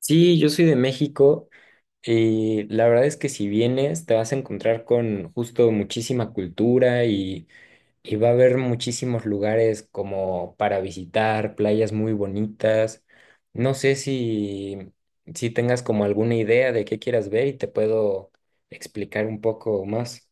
Sí, yo soy de México y la verdad es que si vienes te vas a encontrar con justo muchísima cultura y va a haber muchísimos lugares como para visitar, playas muy bonitas. No sé si tengas como alguna idea de qué quieras ver y te puedo explicar un poco más.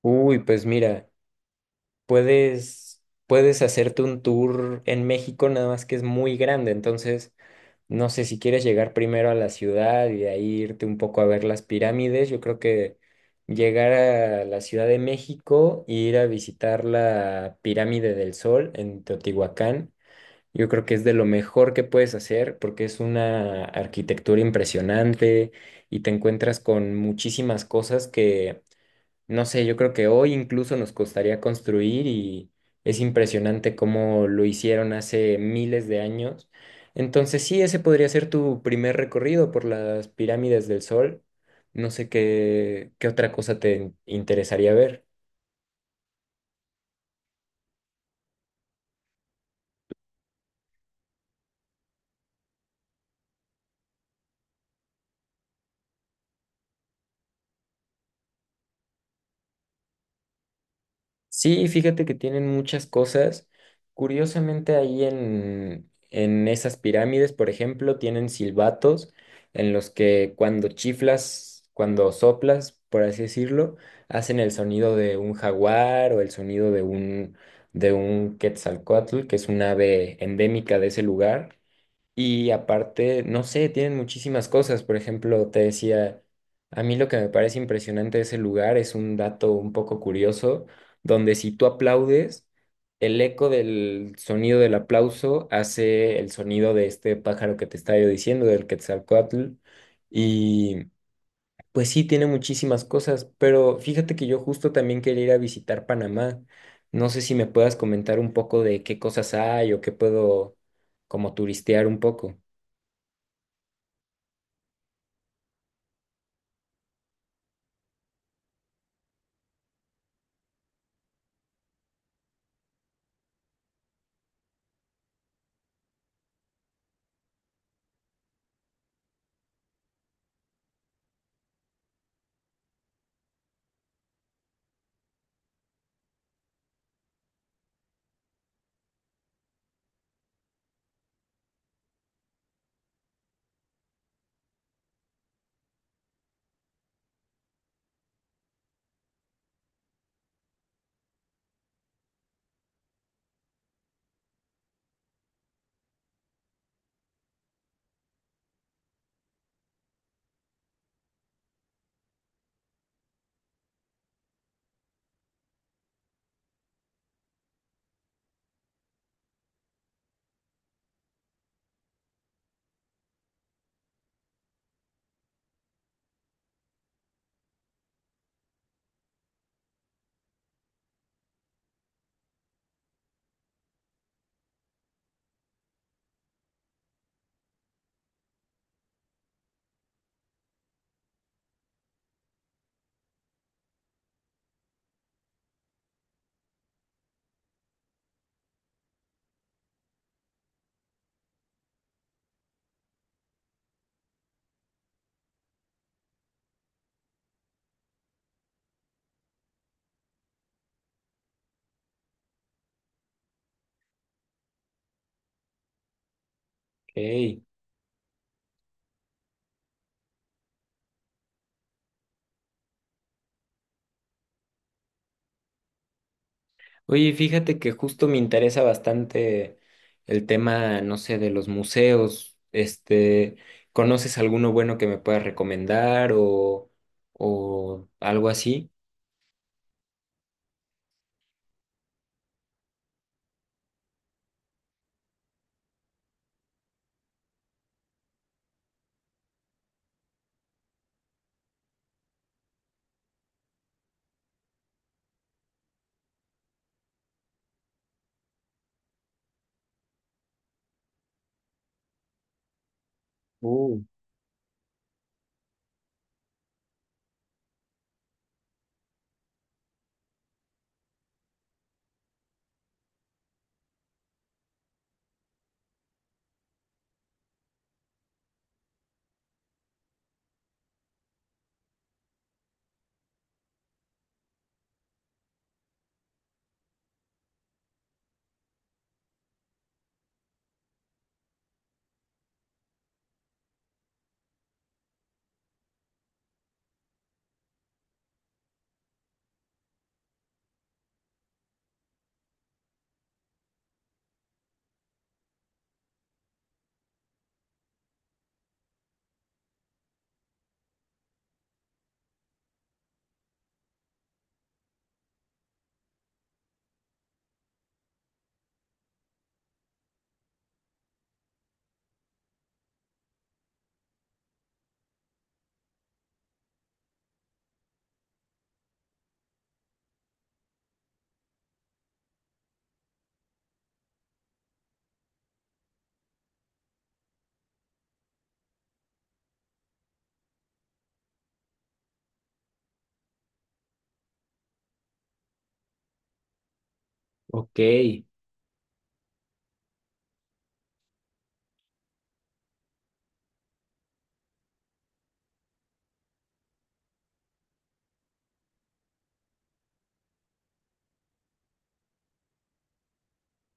Uy, pues mira, puedes, puedes hacerte un tour en México, nada más que es muy grande, entonces... No sé si quieres llegar primero a la ciudad y de ahí irte un poco a ver las pirámides. Yo creo que llegar a la Ciudad de México e ir a visitar la Pirámide del Sol en Teotihuacán, yo creo que es de lo mejor que puedes hacer porque es una arquitectura impresionante y te encuentras con muchísimas cosas que no sé, yo creo que hoy incluso nos costaría construir y es impresionante cómo lo hicieron hace miles de años. Entonces sí, ese podría ser tu primer recorrido por las pirámides del Sol. No sé qué otra cosa te interesaría ver. Sí, fíjate que tienen muchas cosas. Curiosamente, en esas pirámides, por ejemplo, tienen silbatos en los que cuando chiflas, cuando soplas, por así decirlo, hacen el sonido de un jaguar o el sonido de un quetzalcóatl, que es un ave endémica de ese lugar. Y aparte, no sé, tienen muchísimas cosas. Por ejemplo, te decía, a mí lo que me parece impresionante de ese lugar es un dato un poco curioso, donde si tú aplaudes, el eco del sonido del aplauso hace el sonido de este pájaro que te estaba yo diciendo, del Quetzalcóatl. Y pues sí, tiene muchísimas cosas, pero fíjate que yo justo también quería ir a visitar Panamá. No sé si me puedas comentar un poco de qué cosas hay o qué puedo como turistear un poco. Ey. Oye, fíjate que justo me interesa bastante el tema, no sé, de los museos. Este, ¿conoces alguno bueno que me puedas recomendar o algo así? Uh. Ok,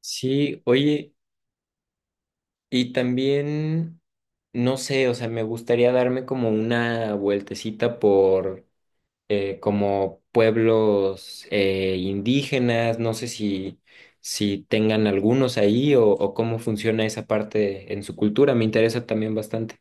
sí, oye, y también, no sé, o sea, me gustaría darme como una vueltecita por como pueblos indígenas, no sé si tengan algunos ahí o cómo funciona esa parte en su cultura, me interesa también bastante.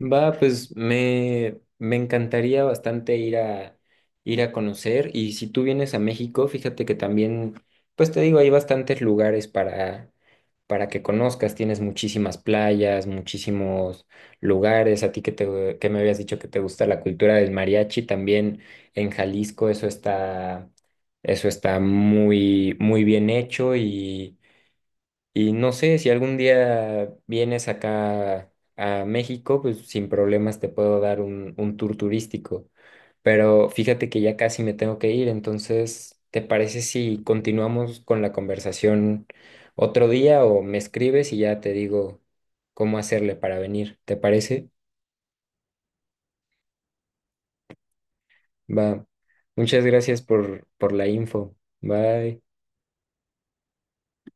Va, pues me encantaría bastante ir ir a conocer y si tú vienes a México, fíjate que también, pues te digo, hay bastantes lugares para que conozcas, tienes muchísimas playas, muchísimos lugares, a ti que me habías dicho que te gusta la cultura del mariachi, también en Jalisco eso está muy, muy bien hecho y no sé, si algún día vienes acá a México, pues sin problemas te puedo dar un tour turístico. Pero fíjate que ya casi me tengo que ir, entonces, ¿te parece si continuamos con la conversación otro día o me escribes y ya te digo cómo hacerle para venir? ¿Te parece? Va. Muchas gracias por la info. Bye.